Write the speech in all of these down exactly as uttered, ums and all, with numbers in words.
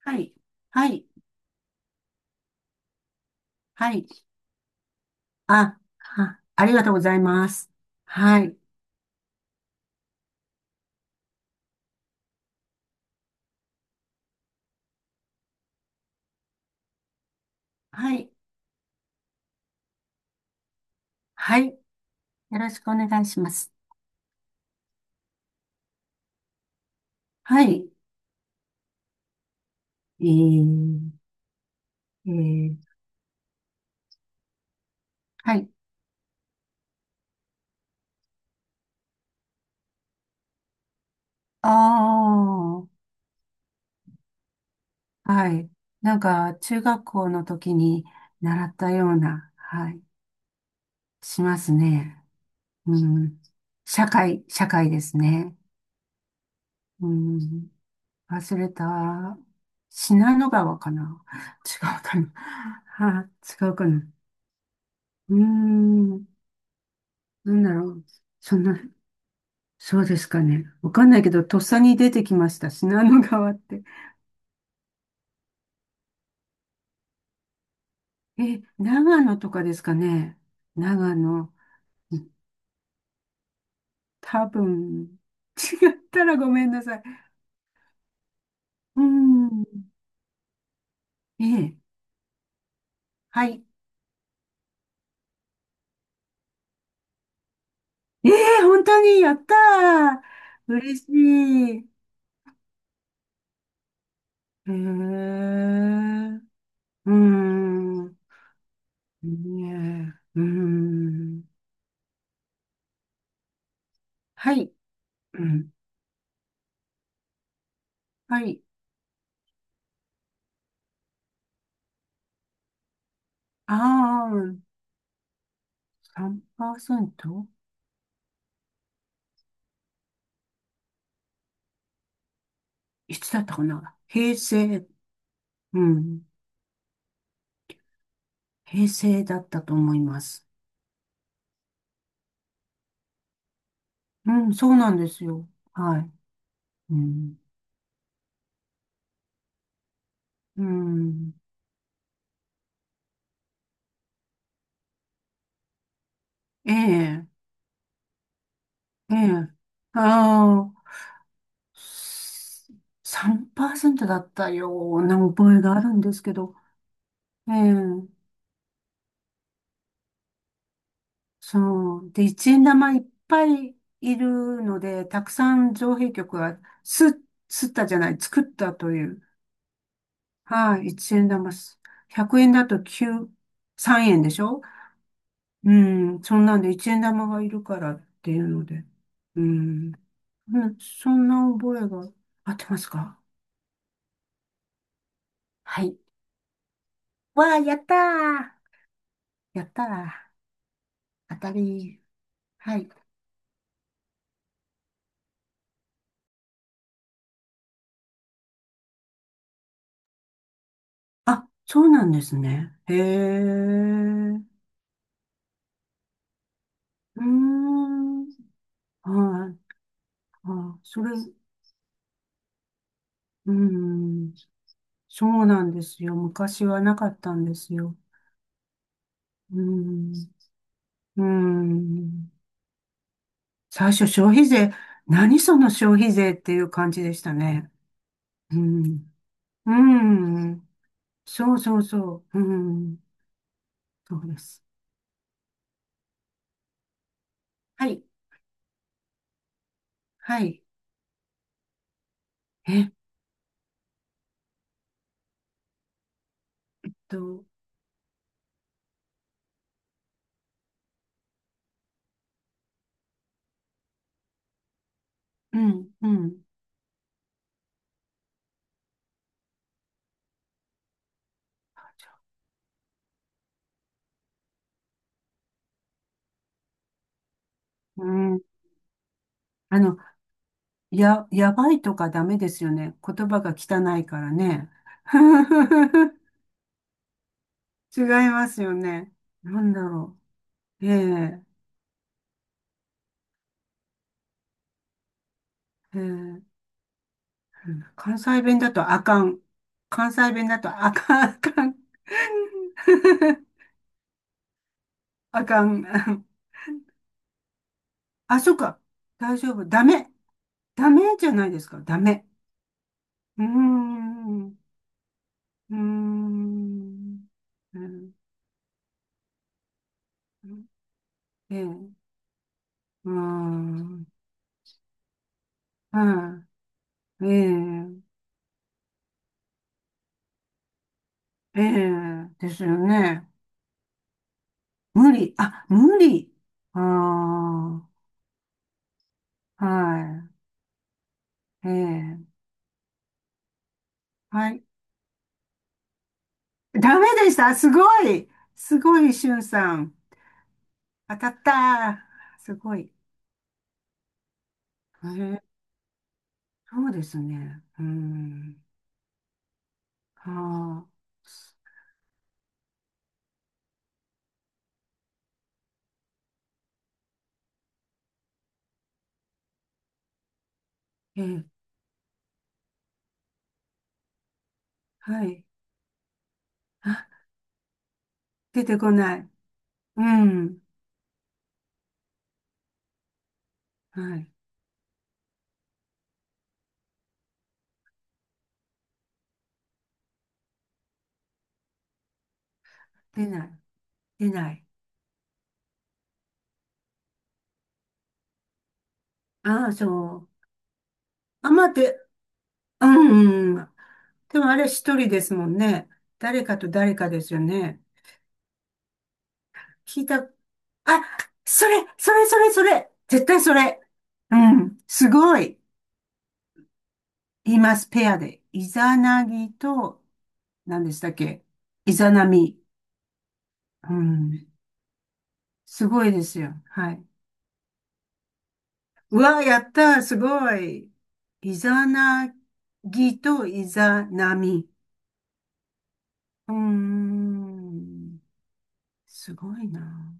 はい。はい。はい。あ、あ、ありがとうございます。はい。はい。はい。よろしくお願いします。はい。えー、えー、はい。ああ、はい。なんか、中学校の時に習ったような、はい。しますね。うん。社会、社会ですね。うん。忘れた。信濃川かな。 違うかな。は違うかな。うーん、なんだろう。そんな、そうですかね。わかんないけど、とっさに出てきました。信濃川って。え、長野とかですかね。長野。多分、違ったらごめんなさい。うーん。ええ、はい。ええ、本当に、やったー。嬉しい。へえ、うーん。ねえ、うーん。はい。うん。はい。ああ。さんパーセント？ いつだったかな、平成、うん、平成だったと思います。うん、そうなんですよ。はい。うん。うん。ええ、ええ。ああ、さんパーセントだったような覚えがあるんですけど、ええ、そう。で、一円玉いっぱいいるので、たくさん造幣局がす、すったじゃない、作ったという。はい、一円玉す。ひゃくえんだときゅう、さんえんでしょ。うん、そんなんで一円玉がいるからっていうので。うん。うんそんな覚えが。合ってますか？はい。わあ、やったー。やったー。当たり。はい。あ、そうなんですね。へえ。うーん。はい。あ、それ、うん。そうなんですよ。昔はなかったんですよ。うん。うん。最初消費税、何その消費税っていう感じでしたね。うん。うん。そうそうそう。うん。そうです。はい。はい。えっと、うん、うん。うん。あの、や、やばいとかダメですよね。言葉が汚いからね。違いますよね。なんだろう。ええ、ええ、うん。関西弁だとあかん。関西弁だとあかん、あかん。あかん。あ、そっか。大丈夫。ダメ。ダメじゃないですか。ダメ。うーん。うーん。うん。ええ。うーん。はい。ええ。ええ。ですよね。無理。あ、無理。ああ。はい。ええ。はい。ダメでした。すごい。すごい、しゅんさん。当たった。すごい。ええ。そうですね。うーん。はあ、ええ、はい。あ、出てこない。うん。はい。出ない。出ない。ああ、そう。あ、待って。うん。うんでもあれ一人ですもんね。誰かと誰かですよね。聞いた。あ、それ、それ、それ、それ。絶対それ。うん。すごい。言います。ペアで。イザナギと、何でしたっけ？イザナミ。うん。すごいですよ。はい。うわ、やった、すごい。イザナギとイザナミ。うーん、すごいな。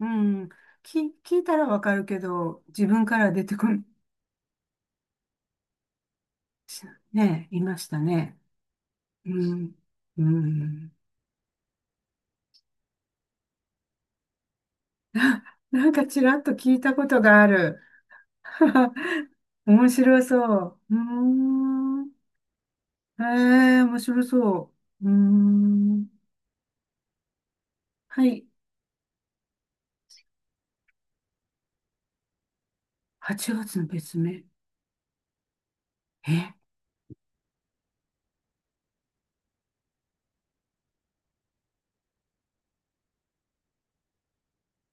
うん、き、聞いたらわかるけど、自分から出てこん、し、ね、いましたね。うん、うん。なんかちらっと聞いたことがある。面白そう。うーん。ええ、面白そう。うーん。はい。はちがつの別名。え、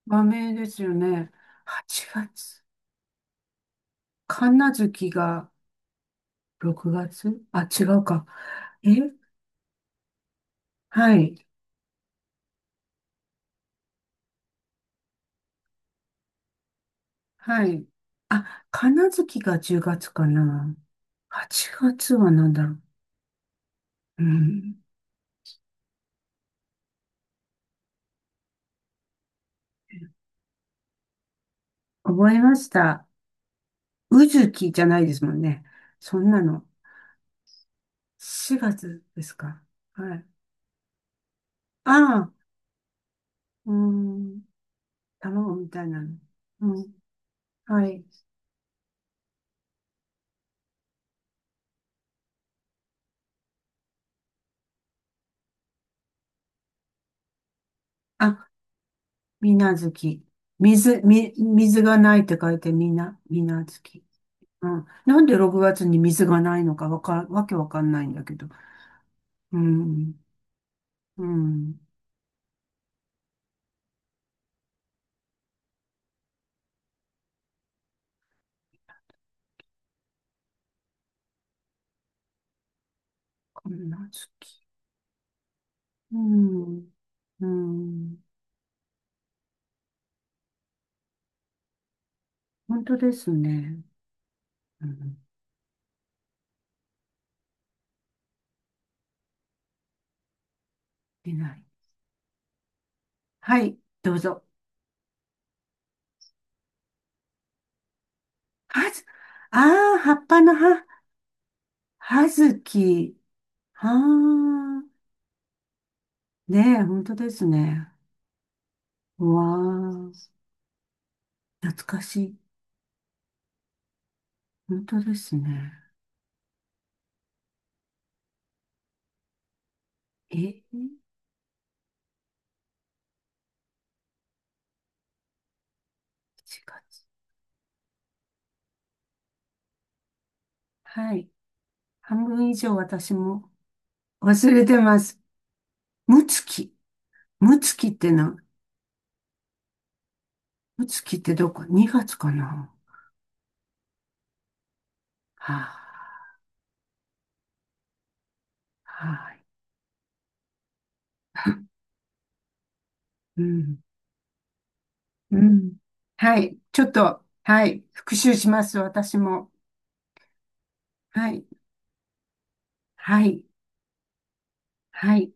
和名ですよね。はちがつ。神無月がろくがつ。あ、違うか。え、はい。はい。あ、神無月がじゅうがつかな。はちがつは何だろう。うん。覚えました。うずきじゃないですもんね。そんなの。しがつですか。はい。ああ、うーん。卵みたいなの。うん。はい。あ、みなずき。水、み、水がないって書いてみな、みなずき。うん。なんでろくがつに水がないのかわか、わけわかんないんだけど。うん。うん。みなずき。うん。うん。本当ですね。うん。いない。はい。どうぞ。はず、ああ、葉っぱの葉。はずき。はあ。ねえ、本当ですね。うわあ。懐かしい。本当ですね。え、しちがつ。はい。半分以上私も忘れてます。むつき。むつきってな、むつきってどこ？ に 月かな。はあ、はい。うん。うん。はい。ちょっと、はい。復習します。私も。はい。はい。はい。